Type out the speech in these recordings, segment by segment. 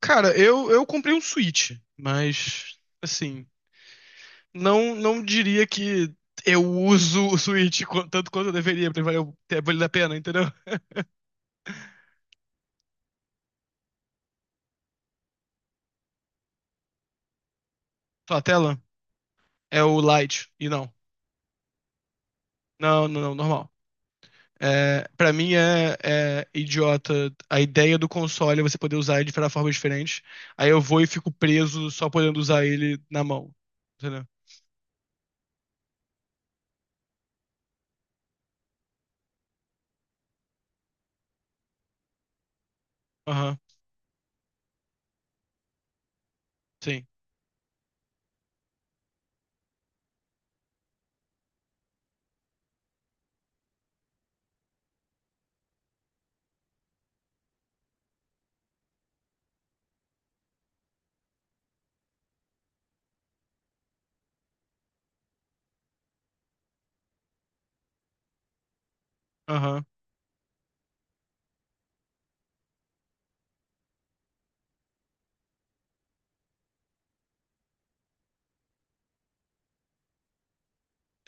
Cara, eu comprei um Switch, mas assim, não diria que eu uso o Switch tanto quanto eu deveria pra valer, ter valido a pena, entendeu? Tua tela é o Lite, e não. Não, normal. É, para mim é idiota. A ideia do console é você poder usar ele de formas diferentes. Aí eu vou e fico preso só podendo usar ele na mão. Entendeu? Aham, sim. Aham.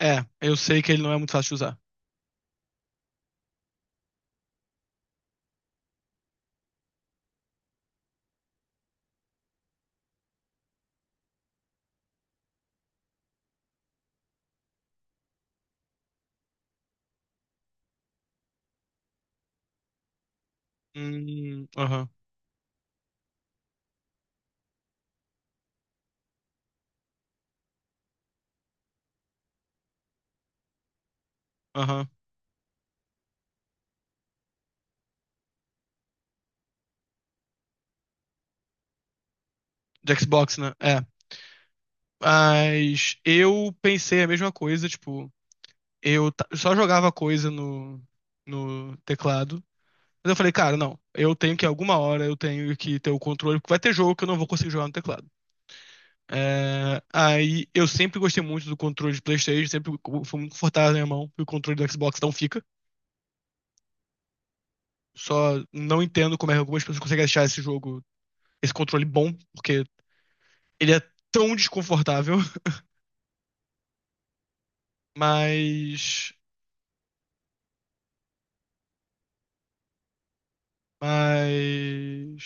É, eu sei que ele não é muito fácil de usar. Hum, aham, aham. De Xbox, né? É. Mas eu pensei a mesma coisa, tipo, só jogava coisa no teclado. Mas eu falei, cara, não, eu tenho que ter o controle, porque vai ter jogo que eu não vou conseguir jogar no teclado. É, aí eu sempre gostei muito do controle de PlayStation, foi muito confortável na minha mão, e o controle do Xbox não fica. Só não entendo como é que algumas pessoas conseguem achar esse controle bom, porque ele é tão desconfortável, mas Mas.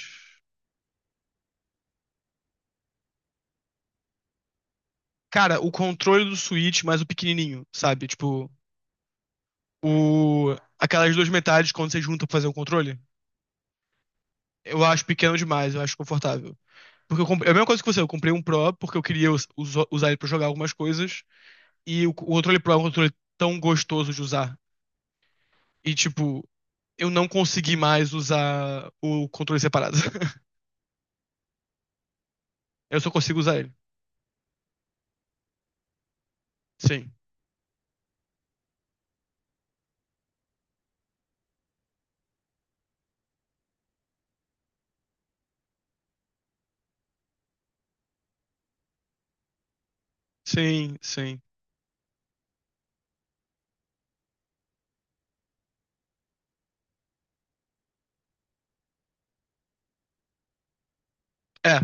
Cara, o controle do Switch, mas o pequenininho, sabe? Tipo, o... aquelas duas metades quando você junta pra fazer o controle, eu acho pequeno demais, eu acho confortável. Porque eu comprei... é a mesma coisa que você, eu comprei um Pro porque eu queria usar ele pra jogar algumas coisas, e o controle Pro é um controle tão gostoso de usar. E, tipo, eu não consegui mais usar o controle separado. Eu só consigo usar ele. Sim, sim. É,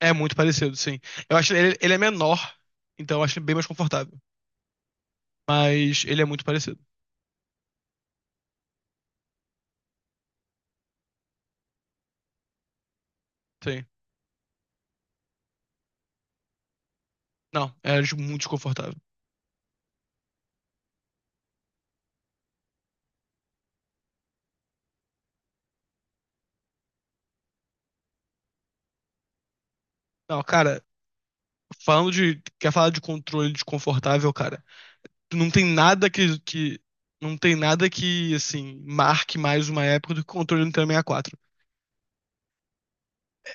é muito parecido, sim. Eu ele é menor, então eu acho ele bem mais confortável. Mas ele é muito parecido, sim. Não, muito desconfortável. Não, cara, falando de. Quer falar de controle desconfortável, cara? Não tem nada que, que. Não tem nada que, assim, marque mais uma época do que o controle do Nintendo 64.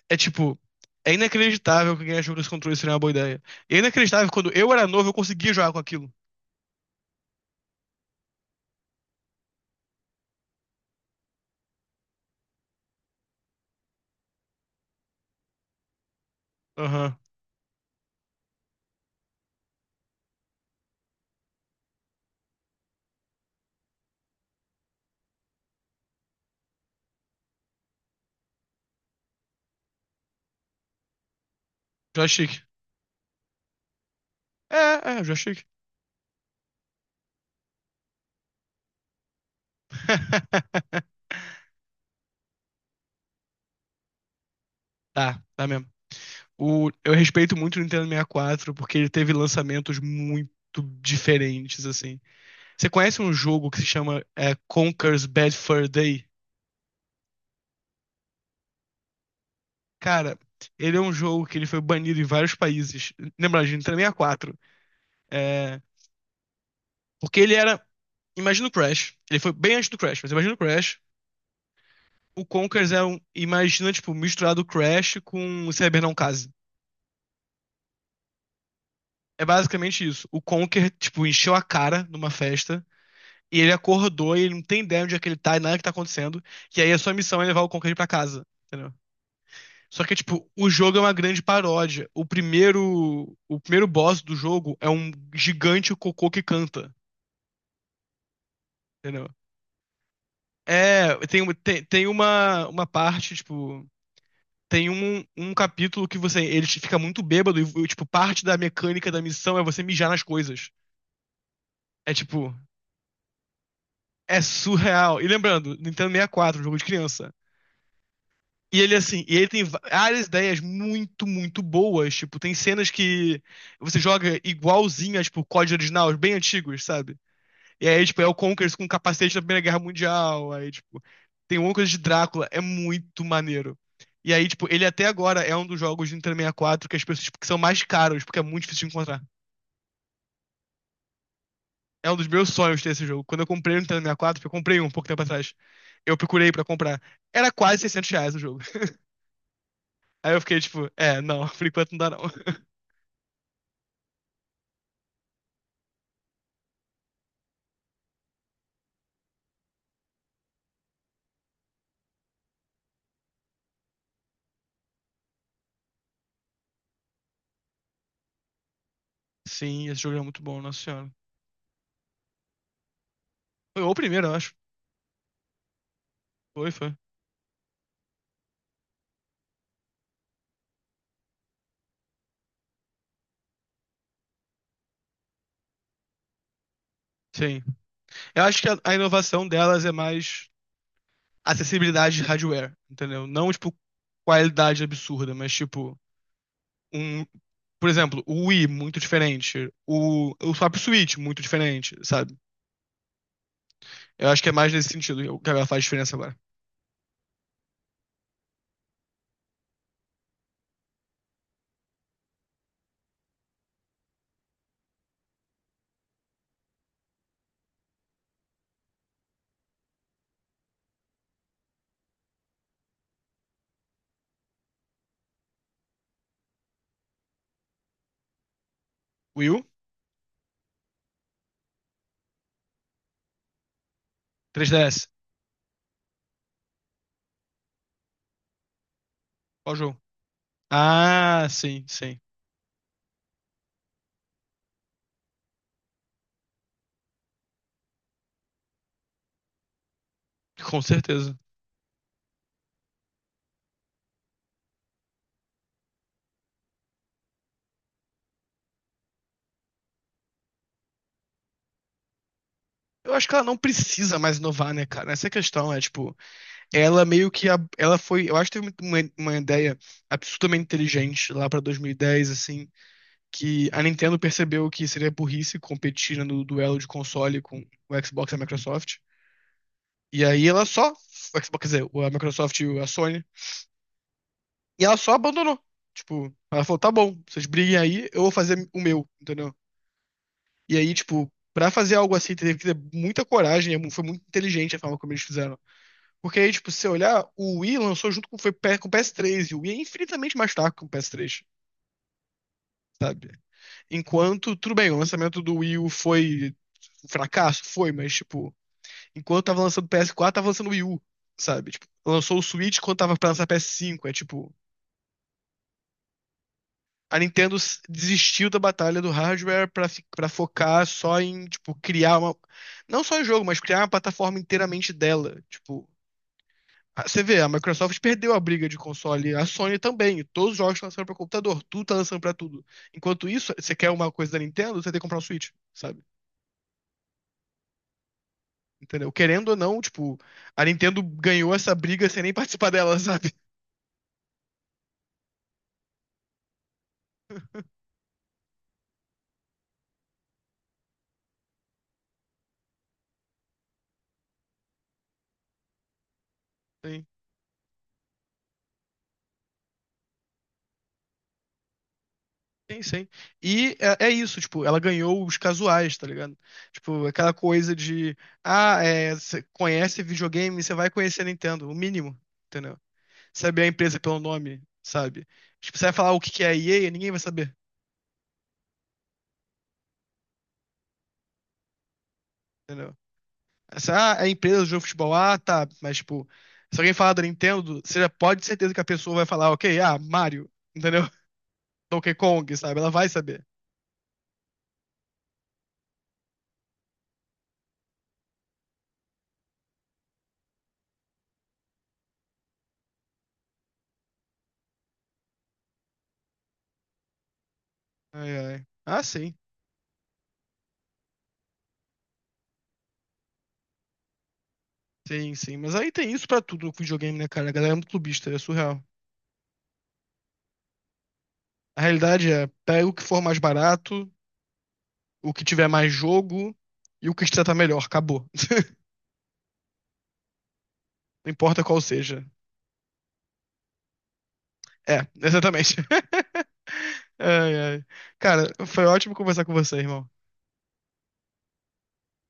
É tipo. É inacreditável que quem achou que esse controle seria uma boa ideia. E é inacreditável que quando eu era novo eu conseguia jogar com aquilo. Aham. Joystick. É, é, joystick. Tá, tá mesmo. Eu respeito muito o Nintendo 64 porque ele teve lançamentos muito diferentes, assim. Você conhece um jogo que se chama Conker's Bad Fur Day? Cara, ele é um jogo que ele foi banido em vários países. Lembra, de Nintendo 64. É, porque ele era. Imagina o Crash. Ele foi bem antes do Crash, mas imagina o Crash. O Conkers é um. Imagina, tipo, misturado o Crash com o Cyber Não Case. É basicamente isso. O Conker, tipo, encheu a cara numa festa. E ele acordou e ele não tem ideia onde é que ele tá e nada que tá acontecendo. E aí a sua missão é levar o Conqueror pra casa, entendeu? Só que, tipo, o jogo é uma grande paródia. O primeiro boss do jogo é um gigante cocô que canta, entendeu? É, tem uma parte, tipo, tem um capítulo que você, ele te fica muito bêbado e, tipo, parte da mecânica da missão é você mijar nas coisas. É, tipo, é surreal. E lembrando, Nintendo 64, jogo de criança. E ele tem várias ideias muito boas. Tipo, tem cenas que você joga igualzinho a, tipo, código original, bem antigos, sabe? E aí, tipo, é o Conkers com capacete da Primeira Guerra Mundial. Aí, tipo, tem uma coisa de Drácula, é muito maneiro. E aí, tipo, ele até agora é um dos jogos de Nintendo 64 que que são mais caros, porque é muito difícil de encontrar. É um dos meus sonhos ter esse jogo. Quando eu comprei o Nintendo 64, eu comprei um pouco tempo atrás. Eu procurei pra comprar. Era quase R$ 600 o jogo. Aí eu fiquei tipo, é, não, por enquanto não dá não. Sim, esse jogo é muito bom, Nossa Senhora. Foi o primeiro, eu acho. Foi, foi. Sim. Eu acho que a inovação delas é mais acessibilidade de hardware, entendeu? Não, tipo, qualidade absurda, mas tipo, um, por exemplo, o Wii, muito diferente. O próprio Switch, muito diferente, sabe? Eu acho que é mais nesse sentido que ela faz diferença agora. Wii U? 3DS? Qual jogo? Ah, sim, sim. Com certeza. Eu acho que ela não precisa mais inovar, né, cara? Essa é a questão, é tipo. Ela meio que. A- Ela foi. Eu acho que teve uma ideia absolutamente inteligente lá pra 2010, assim. Que a Nintendo percebeu que seria burrice competir, né, no duelo de console com o Xbox e a Microsoft. E aí ela só. O Xbox, quer dizer, a Microsoft e a Sony. E ela só abandonou. Tipo, ela falou: tá bom, vocês briguem aí, eu vou fazer o meu, entendeu? E aí, tipo, pra fazer algo assim, teve que ter muita coragem. Foi muito inteligente a forma como eles fizeram. Porque aí, tipo, se você olhar, o Wii lançou junto com, com o PS3, e o Wii é infinitamente mais fraco que o PS3, sabe? Enquanto, tudo bem, o lançamento do Wii U foi um fracasso, foi, mas, tipo, enquanto tava lançando o PS4, tava lançando o Wii U, sabe? Tipo, lançou o Switch quando tava pra lançar o PS5, é tipo, a Nintendo desistiu da batalha do hardware pra, pra focar só em, tipo, não só em jogo, mas criar uma plataforma inteiramente dela, tipo, Ah, você vê, a Microsoft perdeu a briga de console, a Sony também. Todos os jogos estão lançando para computador, tudo tá lançando para tudo. Enquanto isso, você quer uma coisa da Nintendo, você tem que comprar um Switch, sabe? Entendeu? Querendo ou não, tipo, a Nintendo ganhou essa briga sem nem participar dela, sabe? Sim, sim. E é, é isso, tipo, ela ganhou os casuais, tá ligado? Tipo, aquela coisa de, ah, é, você conhece videogame, você vai conhecer a Nintendo, o mínimo, entendeu? Saber a empresa pelo nome, sabe? Tipo, você vai falar o que que é a EA, ninguém vai saber. Entendeu? Essa, ah, é a empresa de futebol, ah, tá, mas tipo, se alguém falar da Nintendo, você já pode ter certeza que a pessoa vai falar, ok, ah, Mario, entendeu? Donkey Kong, sabe? Ela vai saber. Ai, ai. Ah, sim. Mas aí tem isso pra tudo no videogame, né, cara? A galera é muito clubista, é surreal. A realidade é, pega o que for mais barato, o que tiver mais jogo e o que te tratar melhor, acabou. Não importa qual seja. É, exatamente. Ai, ai. Cara, foi ótimo conversar com você, irmão.